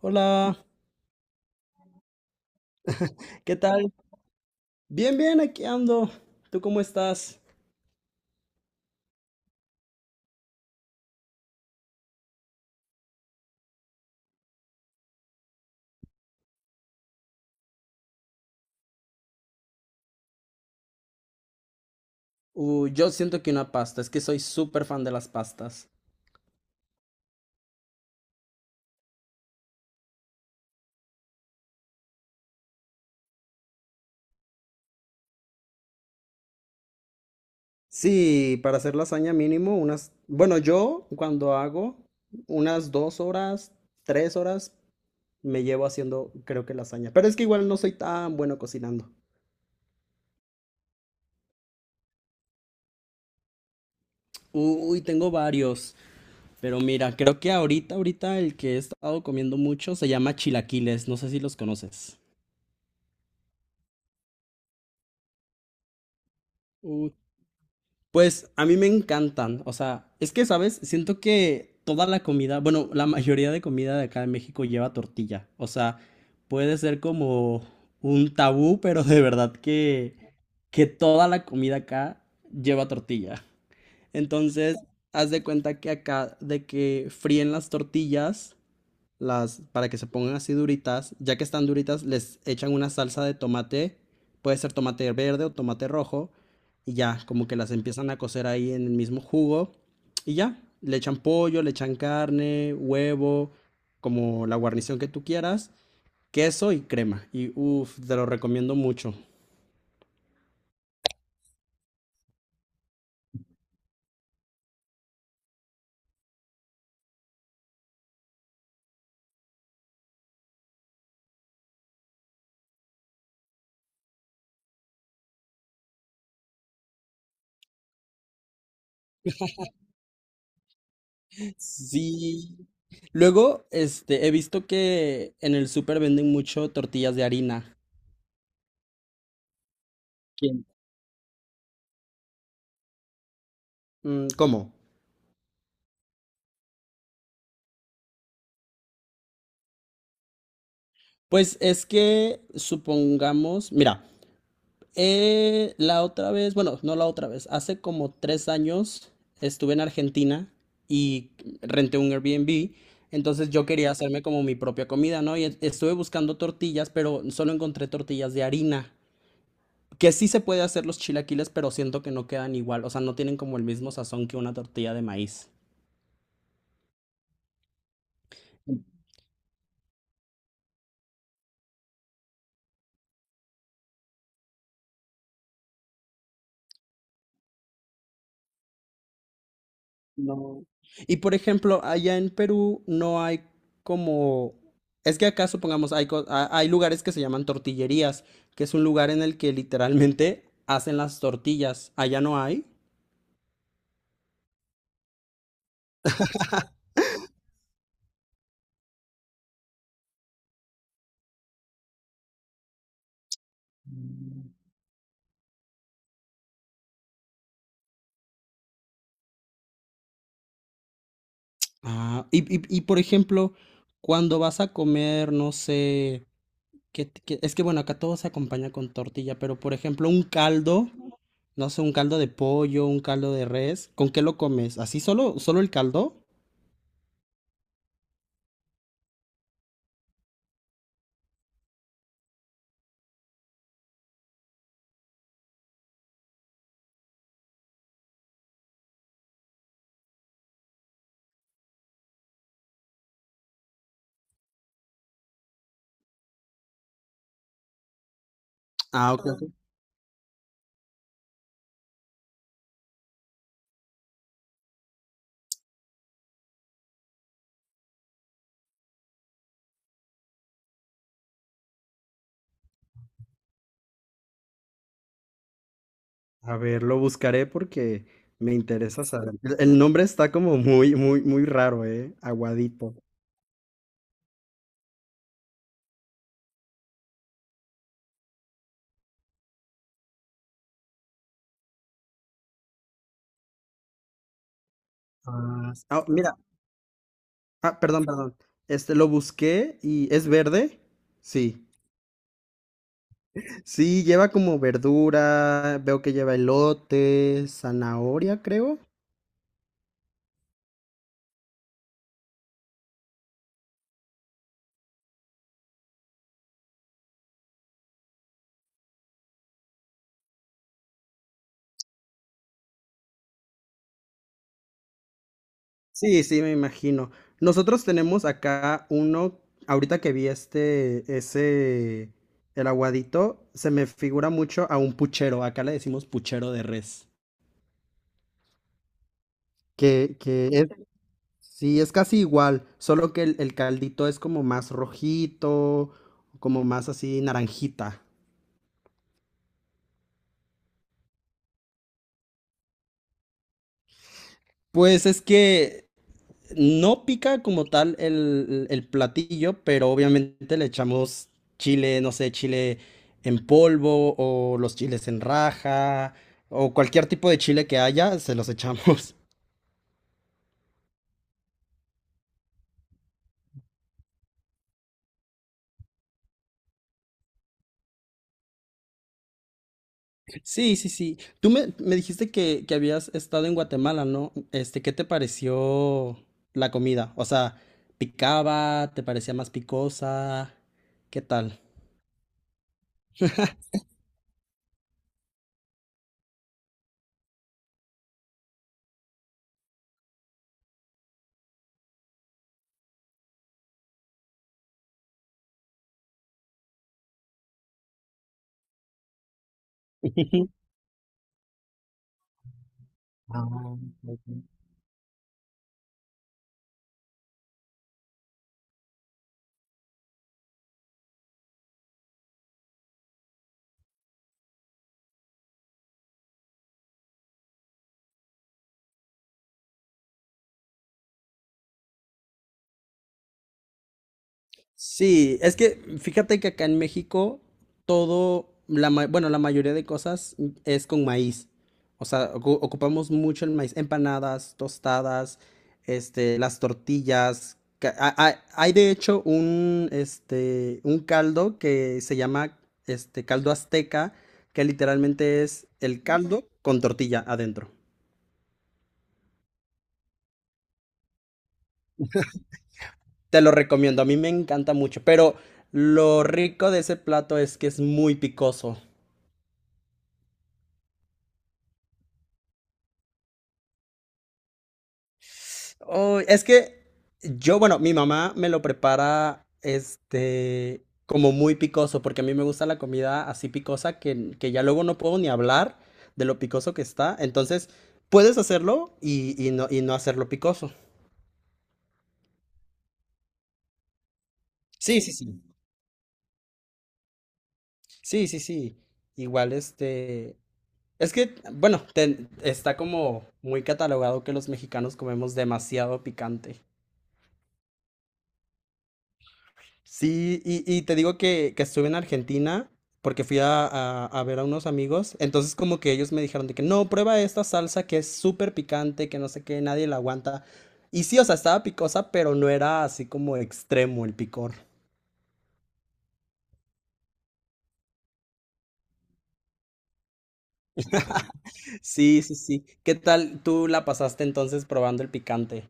Hola, ¿qué tal? Bien, bien, aquí ando. ¿Tú cómo estás? Yo siento que una pasta, es que soy súper fan de las pastas. Sí, para hacer lasaña mínimo, Bueno, yo cuando hago unas 2 horas, 3 horas, me llevo haciendo, creo que lasaña. Pero es que igual no soy tan bueno cocinando. Uy, tengo varios. Pero mira, creo que ahorita el que he estado comiendo mucho se llama chilaquiles. No sé si los conoces. Pues a mí me encantan, o sea, es que, ¿sabes? Siento que toda la comida, bueno, la mayoría de comida de acá de México lleva tortilla, o sea, puede ser como un tabú, pero de verdad que toda la comida acá lleva tortilla. Entonces, haz de cuenta que acá de que fríen las tortillas las, para que se pongan así duritas, ya que están duritas, les echan una salsa de tomate, puede ser tomate verde o tomate rojo, y ya, como que las empiezan a cocer ahí en el mismo jugo, y ya, le echan pollo, le echan carne, huevo, como la guarnición que tú quieras, queso y crema, y uff, te lo recomiendo mucho. Sí. Luego, este, he visto que en el súper venden mucho tortillas de harina. ¿Quién? Mm, ¿cómo? Pues es que supongamos, mira, la otra vez, bueno, no la otra vez, hace como 3 años estuve en Argentina y renté un Airbnb, entonces yo quería hacerme como mi propia comida, ¿no? Y estuve buscando tortillas, pero solo encontré tortillas de harina, que sí se puede hacer los chilaquiles, pero siento que no quedan igual, o sea, no tienen como el mismo sazón que una tortilla de maíz. No. Y por ejemplo, allá en Perú no hay como... Es que acá supongamos, hay, hay lugares que se llaman tortillerías, que es un lugar en el que literalmente hacen las tortillas. Allá no hay. Ah, y, por ejemplo, cuando vas a comer, no sé, es que bueno, acá todo se acompaña con tortilla, pero por ejemplo, un caldo, no sé, un caldo de pollo, un caldo de res, ¿con qué lo comes? ¿Así solo, solo el caldo? Ah, ok. A ver, lo buscaré porque me interesa saber. El nombre está como muy, muy, muy raro, ¿eh? Aguadito. Ah, mira. Ah, perdón, perdón. Este, lo busqué y ¿es verde? Sí. Sí, lleva como verdura, veo que lleva elote, zanahoria, creo. Sí, sí, me imagino. Nosotros tenemos acá uno, ahorita que vi este, ese, el aguadito, se me figura mucho a un puchero. Acá le decimos puchero de res. Que es, sí, es casi igual, solo que el caldito es como más rojito, como más así naranjita. Pues es que no pica como tal el platillo, pero obviamente le echamos chile, no sé, chile en polvo o los chiles en raja o cualquier tipo de chile que haya, se los echamos. Sí, sí, sí. Tú me dijiste que habías estado en Guatemala, ¿no? Este, ¿qué te pareció la comida? O sea, ¿picaba? ¿Te parecía más picosa? ¿Qué tal? Ah, ok. Sí, es que fíjate que acá en México todo, la, bueno, la mayoría de cosas es con maíz. O sea, ocupamos mucho el maíz, empanadas, tostadas, este, las tortillas. Hay, de hecho un, este, un caldo que se llama este, caldo azteca, que literalmente es el caldo con tortilla adentro. Te lo recomiendo, a mí me encanta mucho, pero lo rico de ese plato es que es muy picoso. Oh, es que yo, bueno, mi mamá me lo prepara, este, como muy picoso, porque a mí me gusta la comida así picosa que ya luego no puedo ni hablar de lo picoso que está. Entonces, puedes hacerlo y no, y no hacerlo picoso. Sí, sí, sí. Sí, sí, sí. Igual, este, es que, bueno, está como muy catalogado que los mexicanos comemos demasiado picante. Sí, y te digo que estuve en Argentina porque fui a, a ver a unos amigos, entonces como que ellos me dijeron de que no, prueba esta salsa que es súper picante, que no sé qué, nadie la aguanta. Y sí, o sea, estaba picosa, pero no era así como extremo el picor. Sí, sí, sí. ¿Qué tal tú la pasaste entonces probando el picante?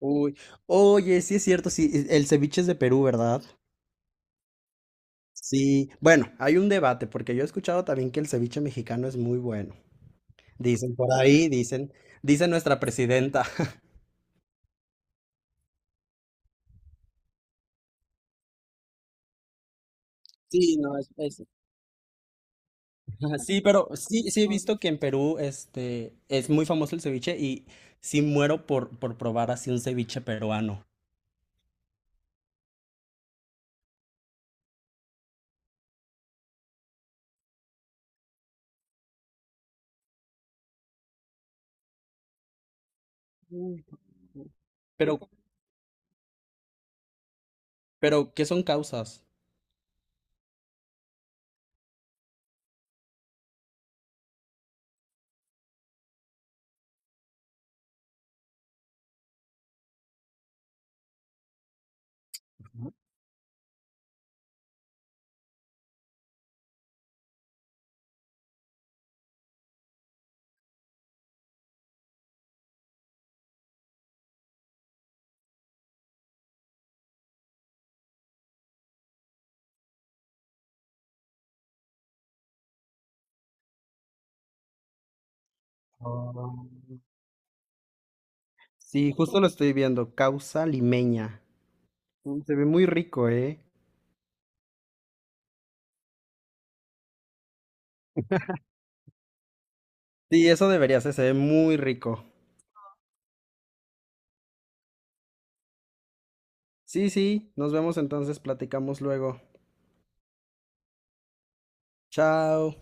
Uy, oye, sí es cierto, sí, el ceviche es de Perú, ¿verdad? Sí, bueno, hay un debate porque yo he escuchado también que el ceviche mexicano es muy bueno. Dicen por ahí, dicen, dice nuestra presidenta. Sí, no, sí, pero sí, sí he visto que en Perú, este, es muy famoso el ceviche y sí muero por probar así un ceviche peruano. Uy, ujú. Pero, pero, ¿qué son causas? Ah. Sí, justo lo estoy viendo, causa limeña. Mm, se ve muy rico, ¿eh? Sí, eso debería ser, se ve muy rico. Sí, sí, nos vemos entonces, platicamos luego. Chao.